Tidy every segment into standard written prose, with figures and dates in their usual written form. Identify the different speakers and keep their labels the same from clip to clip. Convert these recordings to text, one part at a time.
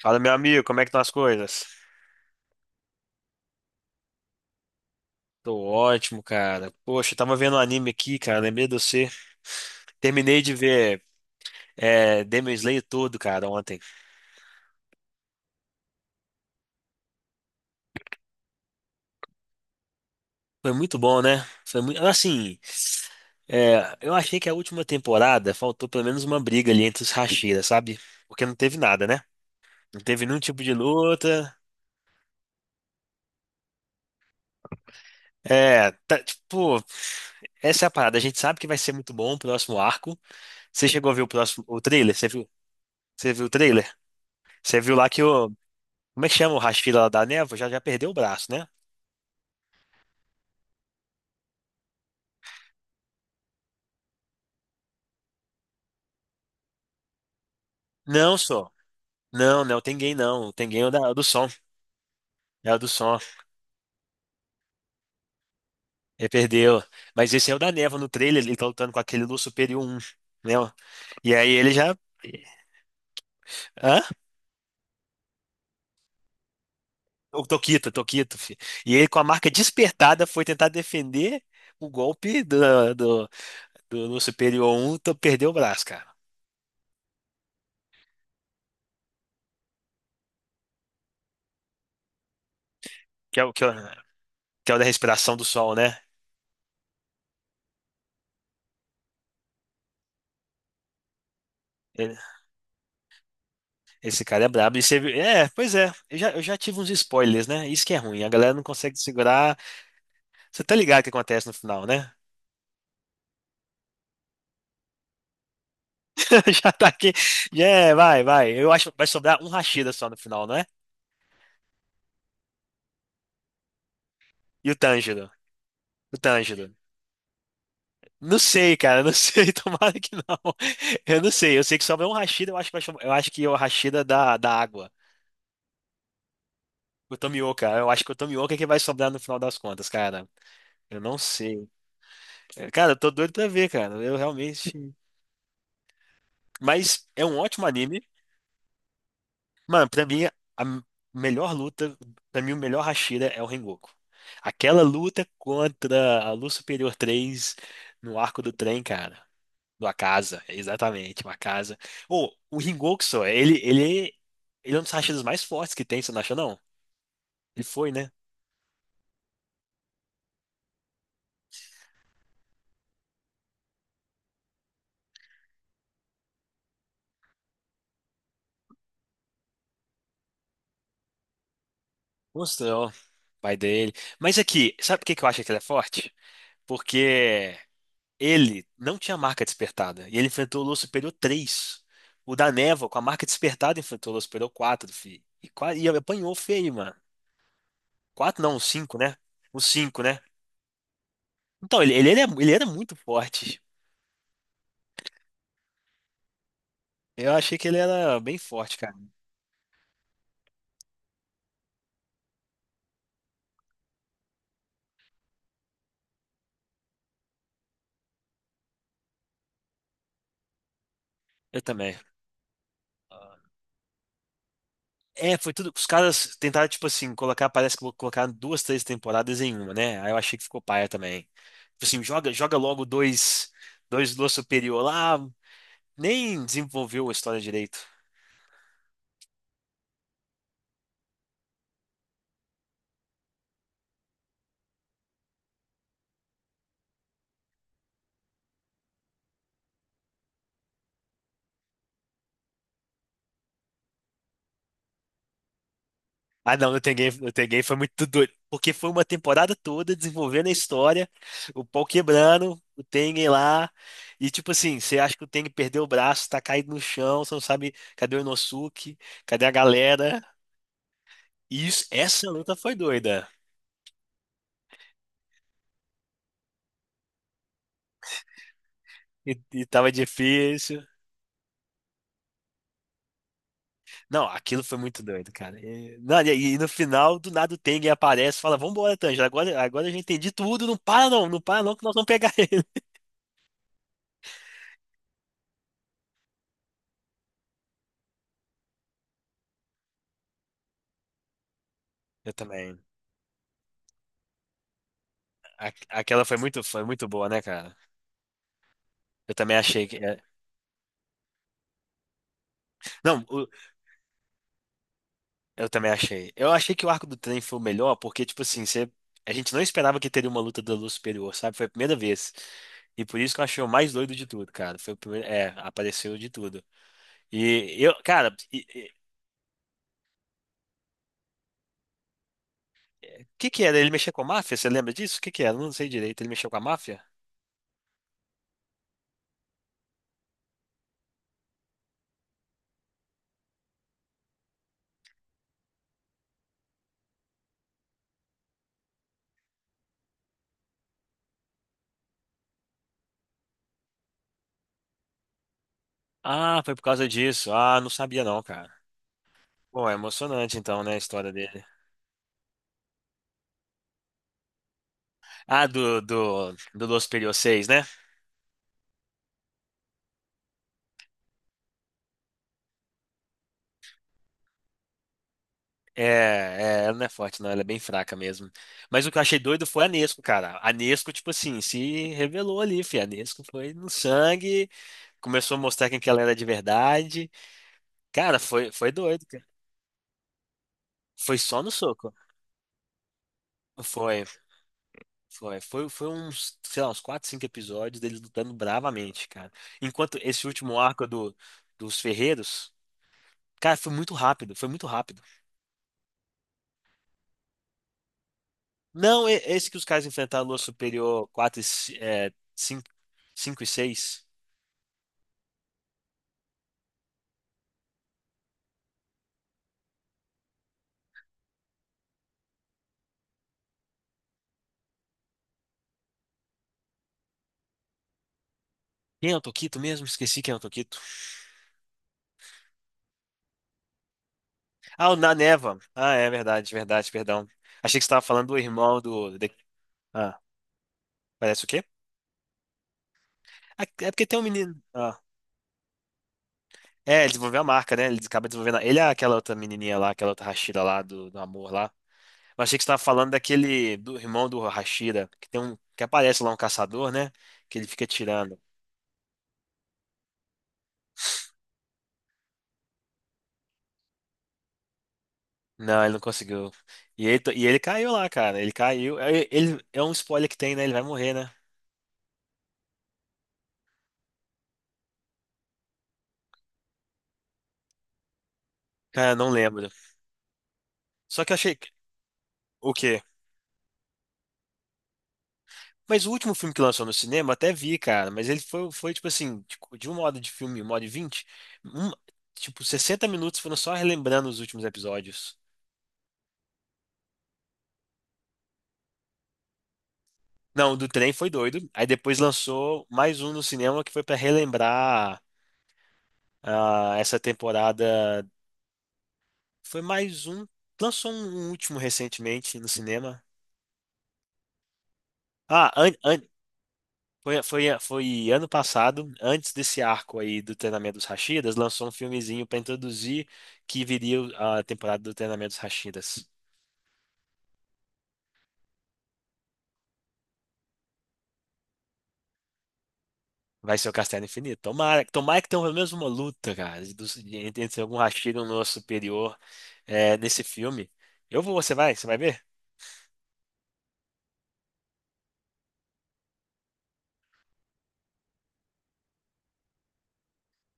Speaker 1: Fala, meu amigo, como é que estão as coisas? Tô ótimo, cara. Poxa, eu tava vendo um anime aqui, cara. Lembrei de você. Terminei de ver Demon Slayer todo, cara, ontem. Foi muito bom, né? Foi muito. Assim, eu achei que a última temporada faltou pelo menos uma briga ali entre os Hashiras, sabe? Porque não teve nada, né? Não teve nenhum tipo de luta. É, tá, tipo, essa é a parada. A gente sabe que vai ser muito bom o próximo arco. Você chegou a ver o próximo, o trailer? Você viu? Você viu o trailer? Você viu lá que o, como é que chama o Rashford lá da névoa? Já perdeu o braço, né? Não, só. Não, não é o Tengen, não. O Tengen é o, é o do som. É o do som. Ele perdeu. Mas esse é o da névoa no trailer. Ele tá lutando com aquele Lua Superior um. Né? E aí ele já. Hã? O Toquito, Toquito, filho. E ele, com a marca despertada, foi tentar defender o golpe do Lua Superior um. Então perdeu o braço, cara. Que é o, que é o, que é o da respiração do sol, né? Esse cara é brabo. E você... É, pois é. Eu já tive uns spoilers, né? Isso que é ruim. A galera não consegue segurar. Você tá ligado o que acontece no final, né? Já tá aqui. Já é, vai, vai. Eu acho que vai sobrar um Rashida só no final, não é? E o Tanjiro. O Tanjiro. Não sei, cara. Não sei. Tomara que não. Eu não sei. Eu sei que sobra um Rashida. Eu acho que, eu acho que é o Rashida da, da água. O Tomioka. Eu acho que o Tomioka é que vai sobrar no final das contas, cara. Eu não sei. É, cara, eu tô doido pra ver, cara. Eu realmente. Mas é um ótimo anime. Mano, pra mim, melhor luta, pra mim, o melhor Hashira é o Rengoku. Aquela luta contra a Luz Superior 3 no arco do trem, cara. Do Akaza, exatamente, o Akaza. Ô, o Rengoku só, ele é um dos Hashiras mais fortes que tem, você não acha, não? Ele foi, né? Mostrou, pai dele. Mas aqui, sabe por que que eu acho que ele é forte? Porque ele não tinha marca despertada. E ele enfrentou o Lua Superior 3. O da Névoa, com a marca despertada, enfrentou o Lua Superior 4 fi. E, e apanhou feio, mano. Quatro não, o cinco, né? O cinco, né? Então, ele, ele era muito forte. Eu achei que ele era bem forte, cara. Eu também. É, foi tudo. Os caras tentaram, tipo assim, colocar, parece que vou colocar duas, três temporadas em uma, né? Aí eu achei que ficou paia também. Tipo assim, joga logo dois, dois Lua Superior lá. Nem desenvolveu a história direito. Ah, não, no Ten Game foi muito doido. Porque foi uma temporada toda desenvolvendo a história, o pau quebrando, o Tengen lá. E tipo assim, você acha que o Tengen perdeu o braço, tá caído no chão, você não sabe cadê o Inosuke, cadê a galera. E isso, essa luta foi doida. E tava difícil. Não, aquilo foi muito doido, cara. E, não, e no final, do nada o Tengen aparece e fala: Vambora, Tanjiro, agora, agora eu já entendi tudo, não para não, não para não, que nós vamos pegar ele. Eu também. Aquela foi muito boa, né, cara? Eu também achei que. É. Não, eu também achei. Eu achei que o arco do trem foi o melhor, porque, tipo assim, você... a gente não esperava que teria uma luta da luz superior, sabe? Foi a primeira vez. E por isso que eu achei o mais doido de tudo, cara. Foi o primeiro. É, apareceu de tudo. E eu, cara, o que que era? Ele mexia com a máfia? Você lembra disso? O que que era? Eu não sei direito. Ele mexeu com a máfia? Ah, foi por causa disso. Ah, não sabia não, cara. Bom, é emocionante então, né, a história dele. Ah, do Los Period 6, né? Ela não é forte, não, ela é bem fraca mesmo. Mas o que eu achei doido foi a Nesco, cara. A Nesco, tipo assim, se revelou ali, fi. A Nesco foi no sangue, começou a mostrar quem que ela era de verdade. Cara, foi, foi doido, cara. Foi só no soco. Foi, foi uns, sei lá, uns 4, 5 episódios deles lutando bravamente, cara. Enquanto esse último arco do, dos Ferreiros, cara, foi muito rápido, foi muito rápido. Não, esse que os caras enfrentaram a Lua Superior 4, é, 5 5 e 6. Quem é o Toquito mesmo? Esqueci quem é o Toquito. Ah, o Na Neva. Ah, é verdade, verdade, perdão. Achei que você estava falando do irmão do. Ah, parece o quê? Ah, é porque tem um menino. Ah, é, ele desenvolveu a marca, né? Ele acaba desenvolvendo. Ele é aquela outra menininha lá, aquela outra Hashira lá do, do amor lá. Mas achei que você estava falando daquele. Do irmão do Hashira, que tem um. Que aparece lá um caçador, né? Que ele fica tirando. Não, ele não conseguiu. E ele caiu lá, cara. Ele caiu. É um spoiler que tem, né? Ele vai morrer, né? Cara, não lembro. Só que eu achei. O quê? Mas o último filme que lançou no cinema, até vi, cara, mas ele foi, foi tipo assim, tipo, de uma hora de filme, uma hora e vinte, um- tipo, 60 minutos foram só relembrando os últimos episódios. Não, o do trem foi doido. Aí depois lançou mais um no cinema que foi pra relembrar ah, essa temporada. Foi mais um. Lançou um, um último recentemente no cinema. Ah, an- an- Foi, ano passado, antes desse arco aí do treinamento dos Rashidas, lançou um filmezinho pra introduzir que viria a temporada do treinamento dos Rashidas. Vai ser o Castelo Infinito. Tomara, tomara que tenha pelo menos uma luta, cara, entre entre algum Rashida e um nosso superior é, nesse filme. Eu vou, você vai ver?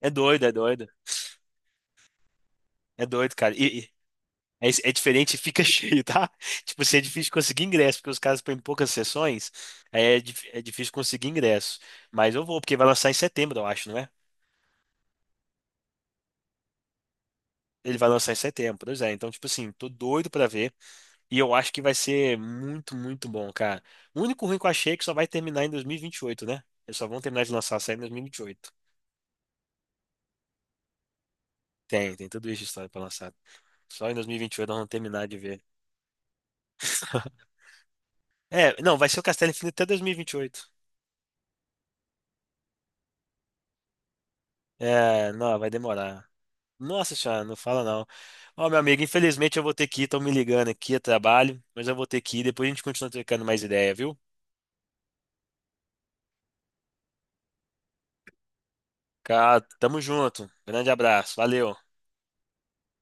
Speaker 1: É doido, é doido. É doido, cara. E é, é diferente, e fica cheio, tá? Tipo, assim, é difícil conseguir ingresso, porque os caras põem poucas sessões, aí é, é difícil conseguir ingresso. Mas eu vou, porque vai lançar em setembro, eu acho, não é? Ele vai lançar em setembro, pois é. Então, tipo assim, tô doido pra ver. E eu acho que vai ser muito, muito bom, cara. O único ruim que eu achei é que só vai terminar em 2028, né? Eles só vão terminar de lançar a série em 2028. Tem, tem tudo isso de história pra lançar. Só em 2028 nós vamos terminar de ver. É, não, vai ser o Castelo Infinito até 2028. É, não, vai demorar. Nossa senhora, não fala não. Ó, meu amigo, infelizmente eu vou ter que ir, estão me ligando aqui a trabalho, mas eu vou ter que ir. Depois a gente continua trocando mais ideia, viu? Cara, tamo junto. Grande abraço, valeu.